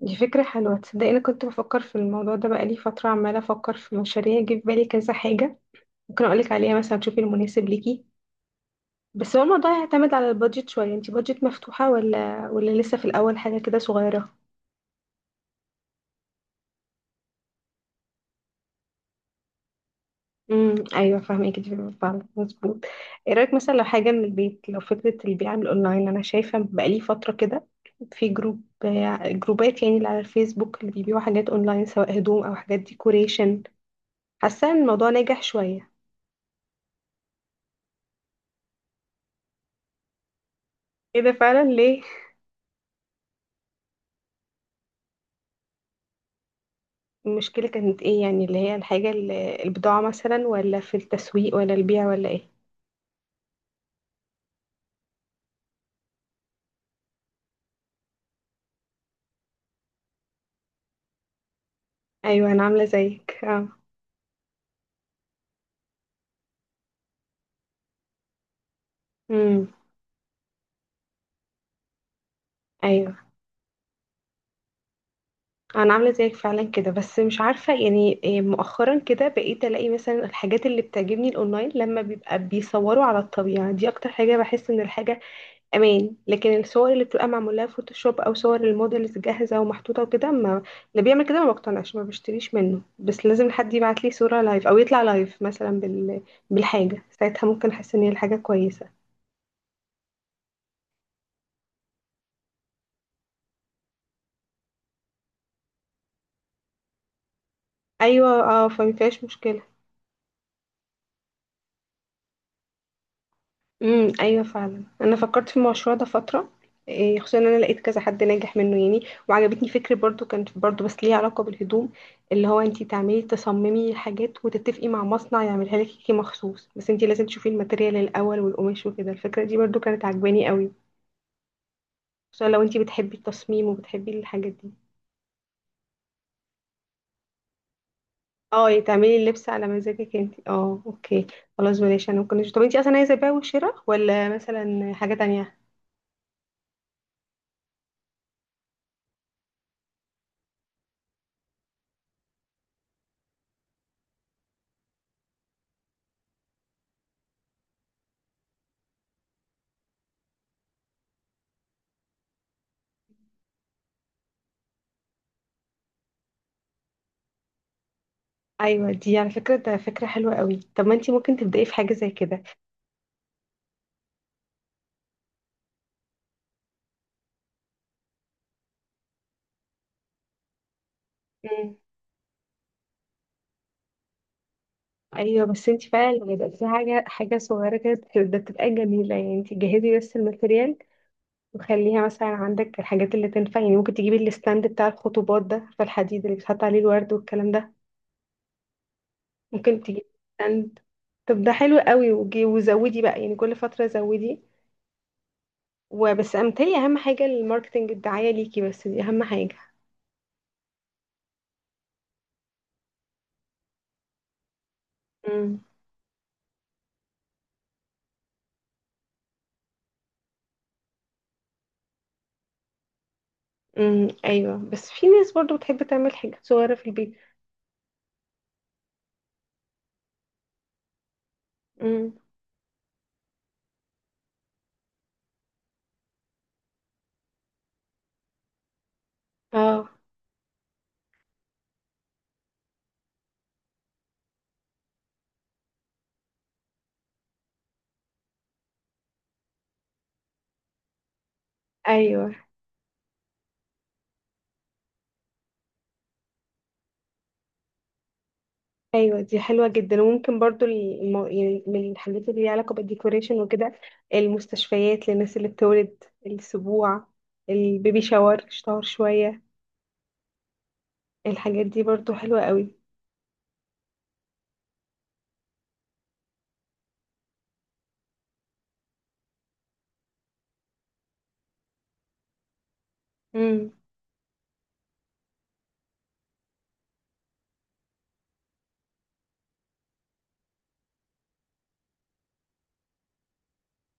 دي فكرة حلوة. تصدقي أنا كنت بفكر في الموضوع ده بقالي فترة، عمالة أفكر في مشاريع جه في بالي كذا حاجة. ممكن أقولك عليها مثلا تشوفي المناسب ليكي. بس هو الموضوع يعتمد على البادجت شوية، انتي بادجت مفتوحة ولا لسه في الأول حاجة كده صغيرة؟ أيوة فاهمك، دي فعلا مظبوط. ايه رأيك مثلا لو حاجة من البيت، لو فكرة البيع من الأونلاين، أنا شايفة بقالي فترة كده في جروبات يعني اللي على الفيسبوك اللي بيبيعوا حاجات أونلاين، سواء هدوم أو حاجات ديكوريشن. حاسة إن الموضوع ناجح شوية. ايه ده؟ فعلا ليه؟ المشكلة كانت ايه يعني، اللي هي الحاجة اللي البضاعة مثلا، ولا في التسويق، ولا البيع، ولا ايه؟ ايوه انا عاملة زيك، اه. امم ايوه انا عاملة زيك فعلا كده، بس مش عارفة يعني إيه، مؤخرا كده بقيت الاقي مثلا الحاجات اللي بتعجبني الاونلاين لما بيبقى بيصوروا على الطبيعة، دي اكتر حاجة بحس ان الحاجة امان، لكن الصور اللي بتبقى معموله فوتوشوب او صور الموديلز جاهزه ومحطوطه وكده، ما اللي بيعمل كده ما بقتنعش، ما بشتريش منه، بس لازم حد يبعت لي صوره لايف او يطلع لايف مثلا بالحاجه، ساعتها ممكن احس ان هي الحاجه كويسه. ايوه اه، فما فيهاش مشكله. ايوه فعلا، انا فكرت في المشروع ده فتره. إيه، خصوصا ان انا لقيت كذا حد ناجح منه يعني. وعجبتني فكره برضو، كانت برضو بس ليها علاقه بالهدوم، اللي هو انتي تعملي تصممي حاجات وتتفقي مع مصنع يعملها لك كي مخصوص، بس انتي لازم تشوفي الماتيريال الاول والقماش وكده. الفكره دي برضو كانت عجباني قوي، خصوصا لو انتي بتحبي التصميم وبتحبي الحاجات دي. اه، يعني تعملي اللبس على مزاجك انتي، اه، اوكي. خلاص بلاش. انا ممكن، طب انتي اصلا عايزه بيع وشراء ولا مثلا حاجه تانية؟ ايوه دي على فكره، ده فكره حلوه قوي. طب ما انت ممكن تبداي في حاجه زي كده. مم. ايوه بس انت بقى لما يبقى في حاجه حاجه صغيره كده، ده بتبقى جميله، يعني انت جهزي بس الماتريال، وخليها مثلا عندك الحاجات اللي تنفع. يعني ممكن تجيبي الستاند بتاع الخطوبات ده، عارفه؟ الحديد اللي بيتحط عليه الورد والكلام ده. ممكن تجيبي ستاند. طب ده حلو قوي، وزودي بقى، يعني كل فتره زودي، وبس امتلي. اهم حاجه الماركتنج، الدعايه ليكي، بس دي اهم حاجه. ايوه، بس في ناس برضو بتحب تعمل حاجات صغيره في البيت. امم. اه. ايوه. ايوه دي حلوه جدا، وممكن برضو يعني من الحاجات اللي ليها علاقه بالديكوريشن وكده، المستشفيات للناس اللي بتولد، السبوع، البيبي شاور، شاور شويه. الحاجات دي برضو حلوه قوي. امم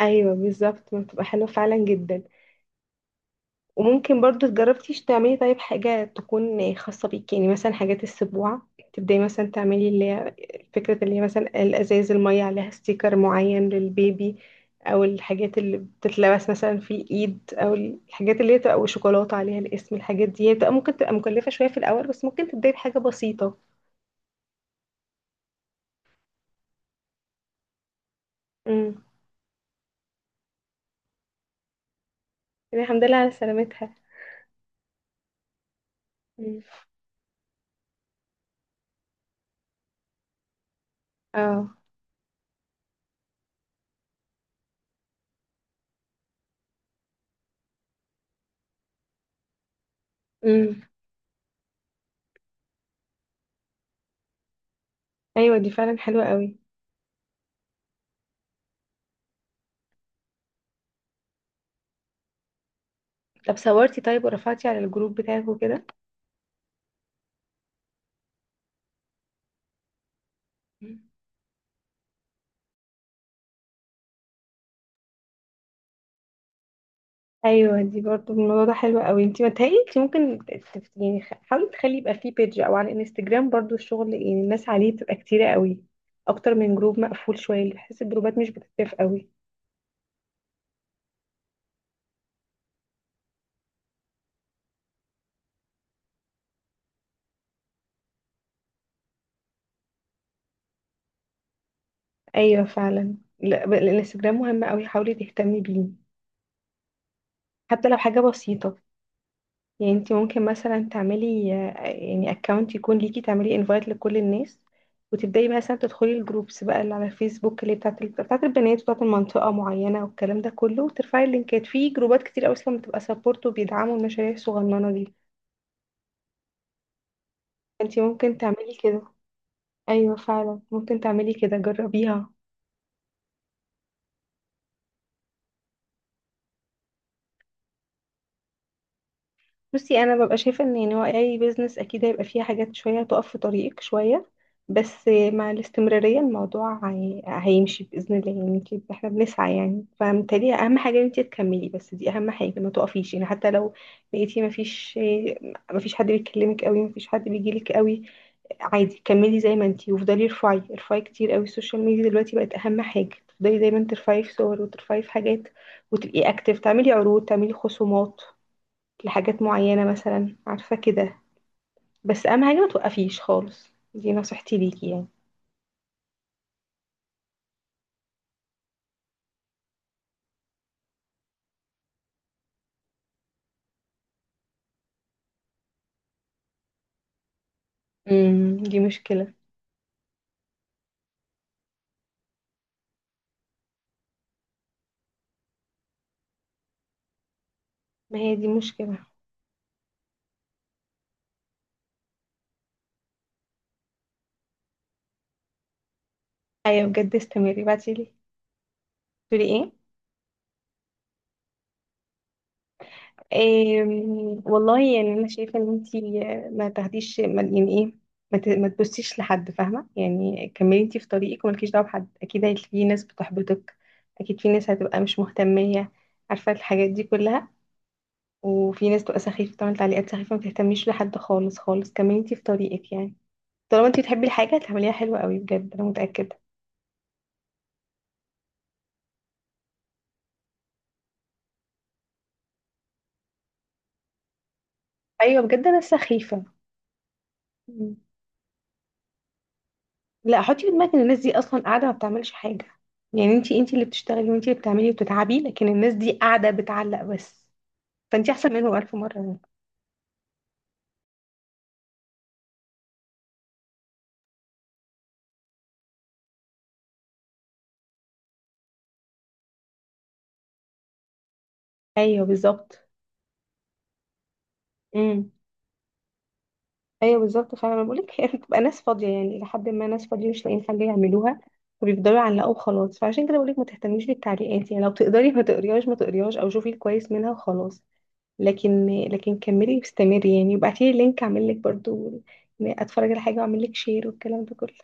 ايوه بالظبط، بتبقى حلوه فعلا جدا. وممكن برضو، جربتيش تعملي طيب حاجة تكون خاصة بيكي؟ يعني مثلا حاجات السبوع، تبدأي مثلا تعملي اللي هي فكرة، اللي هي مثلا الأزاز المية عليها ستيكر معين للبيبي، أو الحاجات اللي بتتلبس مثلا في الإيد، أو الحاجات اللي هي بتبقى وشوكولاتة عليها الاسم. الحاجات دي هي بتبقى ممكن تبقى مكلفة شوية في الأول، بس ممكن تبدأي بحاجة بسيطة. امم. الحمد لله على سلامتها. امم. اه. امم. أيوة دي فعلا حلوة قوي. طب صورتي طيب، ورفعتي على الجروب بتاعك وكده؟ ايوه دي برضه، الموضوع ده حلو قوي. انت متهيألي انت ممكن يعني حاولي تخلي يبقى فيه بيج او على الانستجرام، برضه الشغل يعني الناس عليه بتبقى كتيرة قوي، اكتر من جروب مقفول شويه، بحس الجروبات مش بتتفق قوي. ايوه فعلا، لا، الانستجرام مهم قوي، حاولي تهتمي بيه حتى لو حاجه بسيطه. يعني انت ممكن مثلا تعملي يعني اكونت يكون ليكي، تعملي انفايت لكل الناس، وتبداي مثلا تدخلي الجروبس بقى اللي على الفيسبوك اللي بتاعت بتاعت البنات، بتاعت المنطقه معينه، والكلام ده كله، وترفعي اللينكات في جروبات كتير، اصلا بتبقى سبورت وبيدعموا المشاريع الصغننه دي. انت ممكن تعملي كده. ايوه فعلا ممكن تعملي كده، جربيها. بصي انا ببقى شايفه ان يعني هو اي بيزنس اكيد هيبقى فيها حاجات شويه تقف في طريقك شويه، بس مع الاستمراريه الموضوع هيمشي باذن الله، يعني احنا بنسعى يعني. فمتهيألي اهم حاجه ان انت تكملي، بس دي اهم حاجه، ما تقفيش يعني، حتى لو لقيتي ما فيش، ما فيش حد بيكلمك قوي، ما فيش حد بيجيلك قوي. عادي، كملي زي ما انتي، وافضلي ارفعي، ارفعي كتير قوي. السوشيال ميديا دلوقتي بقت اهم حاجه، تفضلي دايما ترفعي في صور، وترفعي في حاجات، وتبقي اكتف، تعملي عروض، تعملي خصومات لحاجات معينة مثلا، عارفة كده. بس أهم حاجة ما توقفيش خالص، دي نصيحتي ليكي يعني. دي مشكلة. ما هي دي مشكلة. أيوة بجد استمري. بعتيلي تقولي ايه؟ والله يعني أنا شايفة إن انتي ما تاخديش، ما يعني ايه، ما تبصيش لحد، فاهمة يعني. كملي انتي في طريقك، ومالكيش دعوة بحد. أكيد في ناس بتحبطك، أكيد في ناس هتبقى مش مهتمية، عارفة الحاجات دي كلها. وفي ناس تبقى سخيفة بتعمل تعليقات سخيفة، ما تهتميش لحد خالص خالص، كملي انتي في طريقك يعني. طالما انتي بتحبي الحاجة هتعمليها حلوة قوي بجد، انا متأكدة. ايوه بجد انا سخيفة. مم. لا، حطي في دماغك ان الناس دي اصلا قاعدة ما بتعملش حاجة. يعني انتي اللي بتشتغلي، وانتي اللي بتعملي وبتتعبي، لكن الناس دي قاعدة بتعلق بس. فانتي احسن منهم ألف مرة يعني. ايوه بالظبط. امم ايوه بالظبط فعلا، انا بقولك هي بتبقى ناس فاضية، يعني لحد ما ناس فاضية مش لاقيين حاجة يعملوها، وبيفضلوا يعلقوا وخلاص. فعشان كده بقولك ما تهتميش بالتعليقات يعني، لو تقدري ما تقريهاش ما تقريهاش، او شوفي الكويس منها وخلاص. لكن كملي واستمري يعني، وابعتي لي لينك، اعمل لك برضو، يعني اتفرج على حاجه واعمل لك شير والكلام ده كله.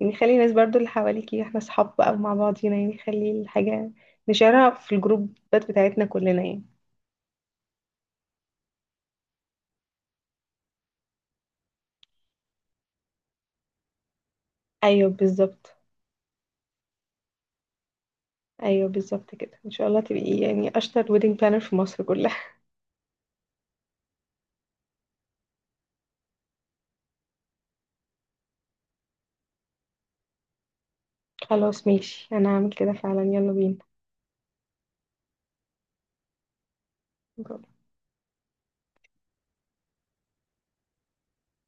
يعني خلي الناس برضو اللي حواليكي، احنا اصحاب بقى ومع بعضينا يعني، خلي الحاجه نشارها في الجروبات بتاعتنا كلنا يعني. ايوه بالظبط. ايوه بالظبط كده، ان شاء الله تبقي يعني اشطر ويدنج بلانر في مصر كلها. خلاص ماشي، انا هعمل كده فعلا. يلا بينا.